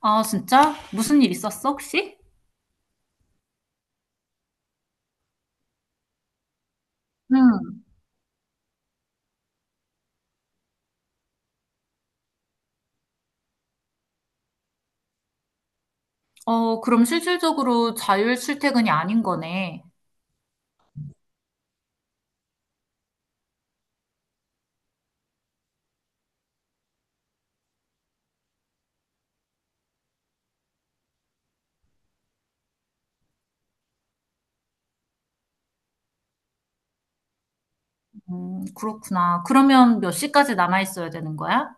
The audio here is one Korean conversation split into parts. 아, 진짜? 무슨 일 있었어, 혹시? 응. 어, 그럼 실질적으로 자율 출퇴근이 아닌 거네. 그렇구나. 그러면 몇 시까지 남아 있어야 되는 거야?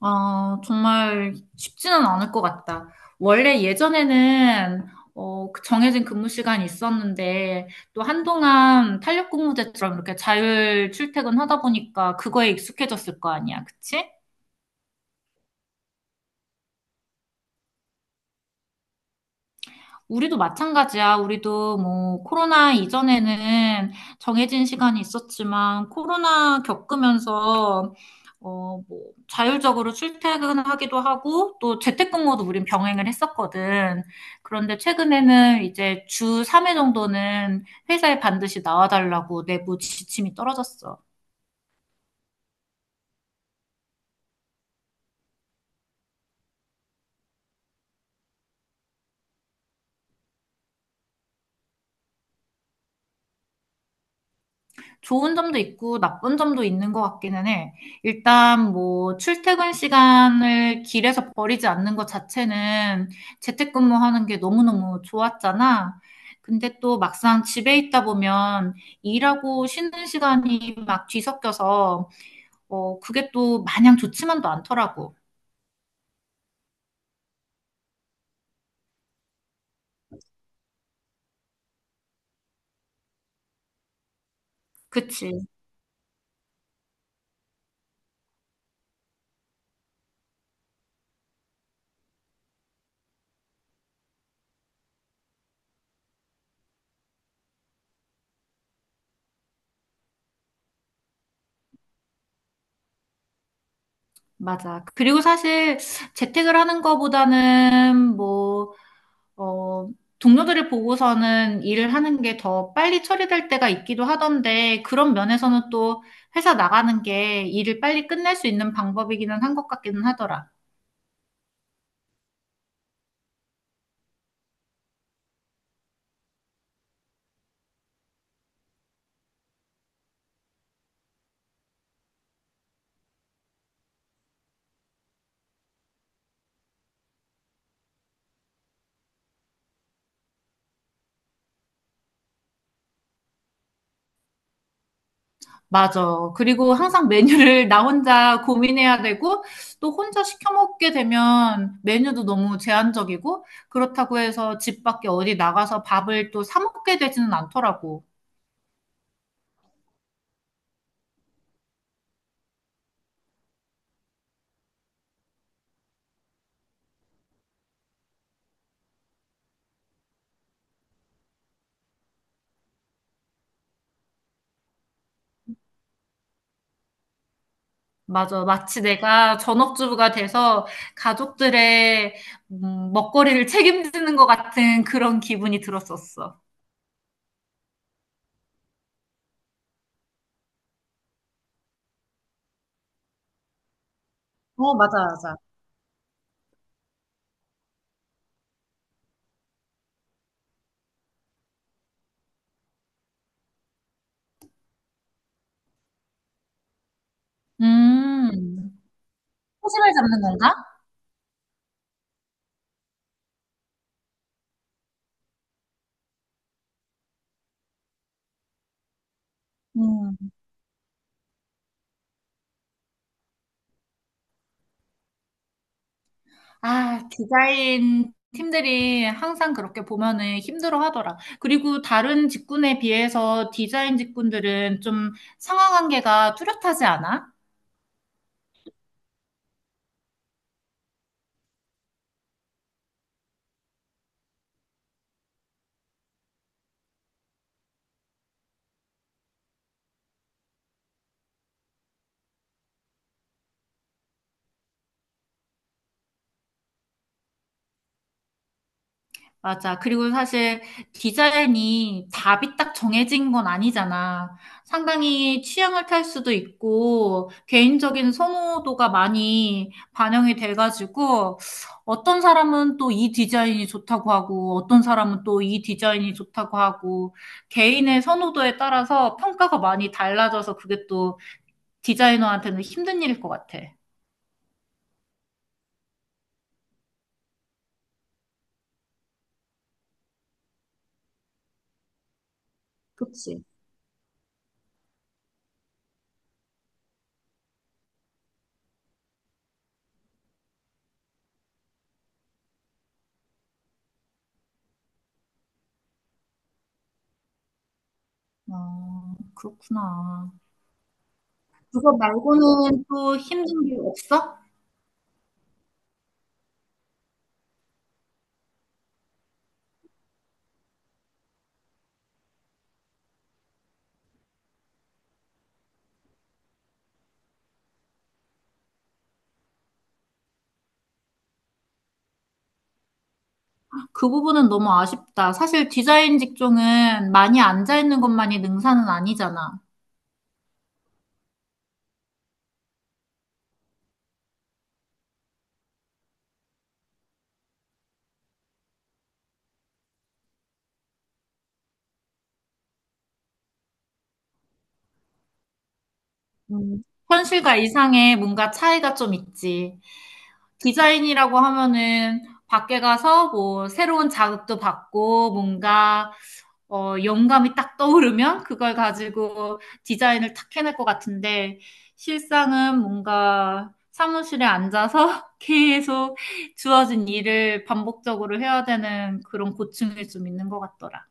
아, 정말 쉽지는 않을 것 같다. 원래 예전에는 그 정해진 근무 시간이 있었는데 또 한동안 탄력 근무제처럼 이렇게 자율 출퇴근 하다 보니까 그거에 익숙해졌을 거 아니야, 그치? 우리도 마찬가지야. 우리도 뭐 코로나 이전에는 정해진 시간이 있었지만 코로나 겪으면서 뭐 자율적으로 출퇴근하기도 하고 또 재택근무도 우린 병행을 했었거든. 그런데 최근에는 이제 주 3회 정도는 회사에 반드시 나와달라고 내부 지침이 떨어졌어. 좋은 점도 있고 나쁜 점도 있는 것 같기는 해. 일단 뭐 출퇴근 시간을 길에서 버리지 않는 것 자체는 재택근무하는 게 너무너무 좋았잖아. 근데 또 막상 집에 있다 보면 일하고 쉬는 시간이 막 뒤섞여서 그게 또 마냥 좋지만도 않더라고. 그치, 맞아. 그리고 사실 재택을 하는 거보다는 뭐 어, 동료들을 보고서는 일을 하는 게 더 빨리 처리될 때가 있기도 하던데, 그런 면에서는 또 회사 나가는 게 일을 빨리 끝낼 수 있는 방법이기는 한 것 같기는 하더라. 맞아. 그리고 항상 메뉴를 나 혼자 고민해야 되고, 또 혼자 시켜 먹게 되면 메뉴도 너무 제한적이고, 그렇다고 해서 집 밖에 어디 나가서 밥을 또 사 먹게 되지는 않더라고. 맞아. 마치 내가 전업주부가 돼서 가족들의 먹거리를 책임지는 것 같은 그런 기분이 들었었어. 어, 맞아, 맞아. 음, 초심을 잡는 건가? 음, 아, 디자인 팀들이 항상 그렇게 보면은 힘들어 하더라. 그리고 다른 직군에 비해서 디자인 직군들은 좀 상하 관계가 뚜렷하지 않아? 맞아. 그리고 사실 디자인이 답이 딱 정해진 건 아니잖아. 상당히 취향을 탈 수도 있고, 개인적인 선호도가 많이 반영이 돼가지고, 어떤 사람은 또 이 디자인이 좋다고 하고, 어떤 사람은 또 이 디자인이 좋다고 하고, 개인의 선호도에 따라서 평가가 많이 달라져서 그게 또 디자이너한테는 힘든 일일 것 같아. 그치. 아, 그렇구나. 그거 말고는 또 힘든 게 없어? 그 부분은 너무 아쉽다. 사실 디자인 직종은 많이 앉아있는 것만이 능사는 아니잖아. 음, 현실과 이상의 뭔가 차이가 좀 있지. 디자인이라고 하면은 밖에 가서 뭐 새로운 자극도 받고 뭔가 영감이 딱 떠오르면 그걸 가지고 디자인을 탁 해낼 것 같은데 실상은 뭔가 사무실에 앉아서 계속 주어진 일을 반복적으로 해야 되는 그런 고충이 좀 있는 것 같더라.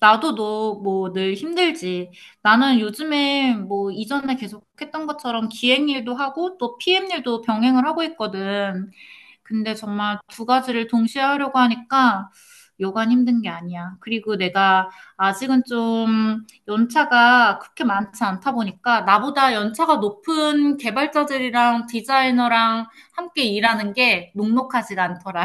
나도 너 뭐 늘 힘들지. 나는 요즘에 뭐 이전에 계속 했던 것처럼 기획 일도 하고 또 PM 일도 병행을 하고 있거든. 근데 정말 두 가지를 동시에 하려고 하니까 여간 힘든 게 아니야. 그리고 내가 아직은 좀 연차가 그렇게 많지 않다 보니까 나보다 연차가 높은 개발자들이랑 디자이너랑 함께 일하는 게 녹록하지가 않더라.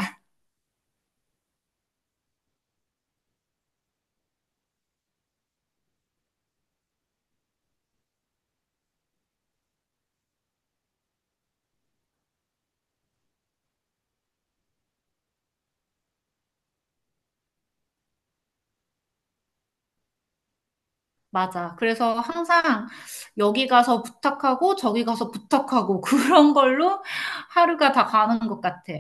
맞아. 그래서 항상 여기 가서 부탁하고 저기 가서 부탁하고 그런 걸로 하루가 다 가는 것 같아.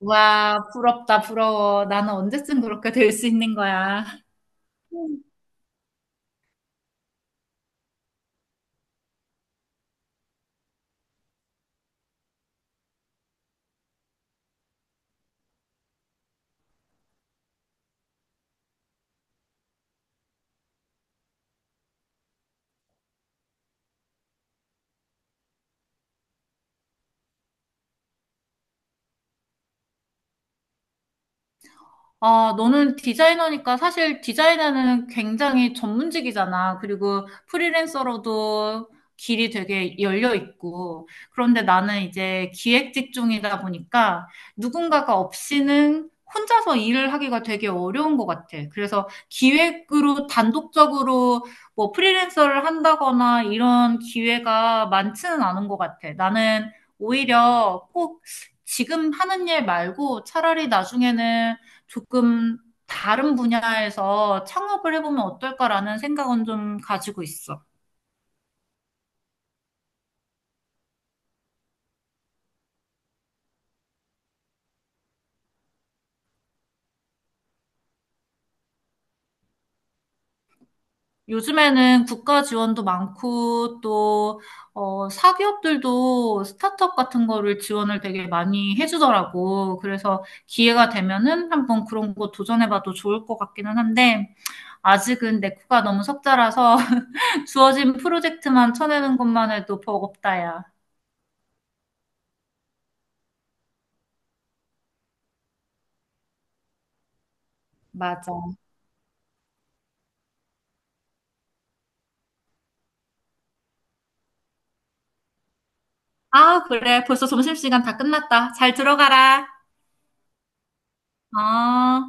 와, 부럽다, 부러워. 나는 언제쯤 그렇게 될 수 있는 거야. 아, 너는 디자이너니까 사실 디자이너는 굉장히 전문직이잖아. 그리고 프리랜서로도 길이 되게 열려 있고. 그런데 나는 이제 기획 직종이다 보니까 누군가가 없이는 혼자서 일을 하기가 되게 어려운 것 같아. 그래서 기획으로 단독적으로 뭐 프리랜서를 한다거나 이런 기회가 많지는 않은 것 같아. 나는 오히려 꼭 지금 하는 일 말고 차라리 나중에는 조금 다른 분야에서 창업을 해보면 어떨까라는 생각은 좀 가지고 있어. 요즘에는 국가 지원도 많고 또 사기업들도 스타트업 같은 거를 지원을 되게 많이 해주더라고. 그래서 기회가 되면은 한번 그런 거 도전해봐도 좋을 것 같기는 한데 아직은 내 코가 너무 석자라서 주어진 프로젝트만 쳐내는 것만 해도 버겁다야. 맞아. 아, 그래. 벌써 점심시간 다 끝났다. 잘 들어가라. 아,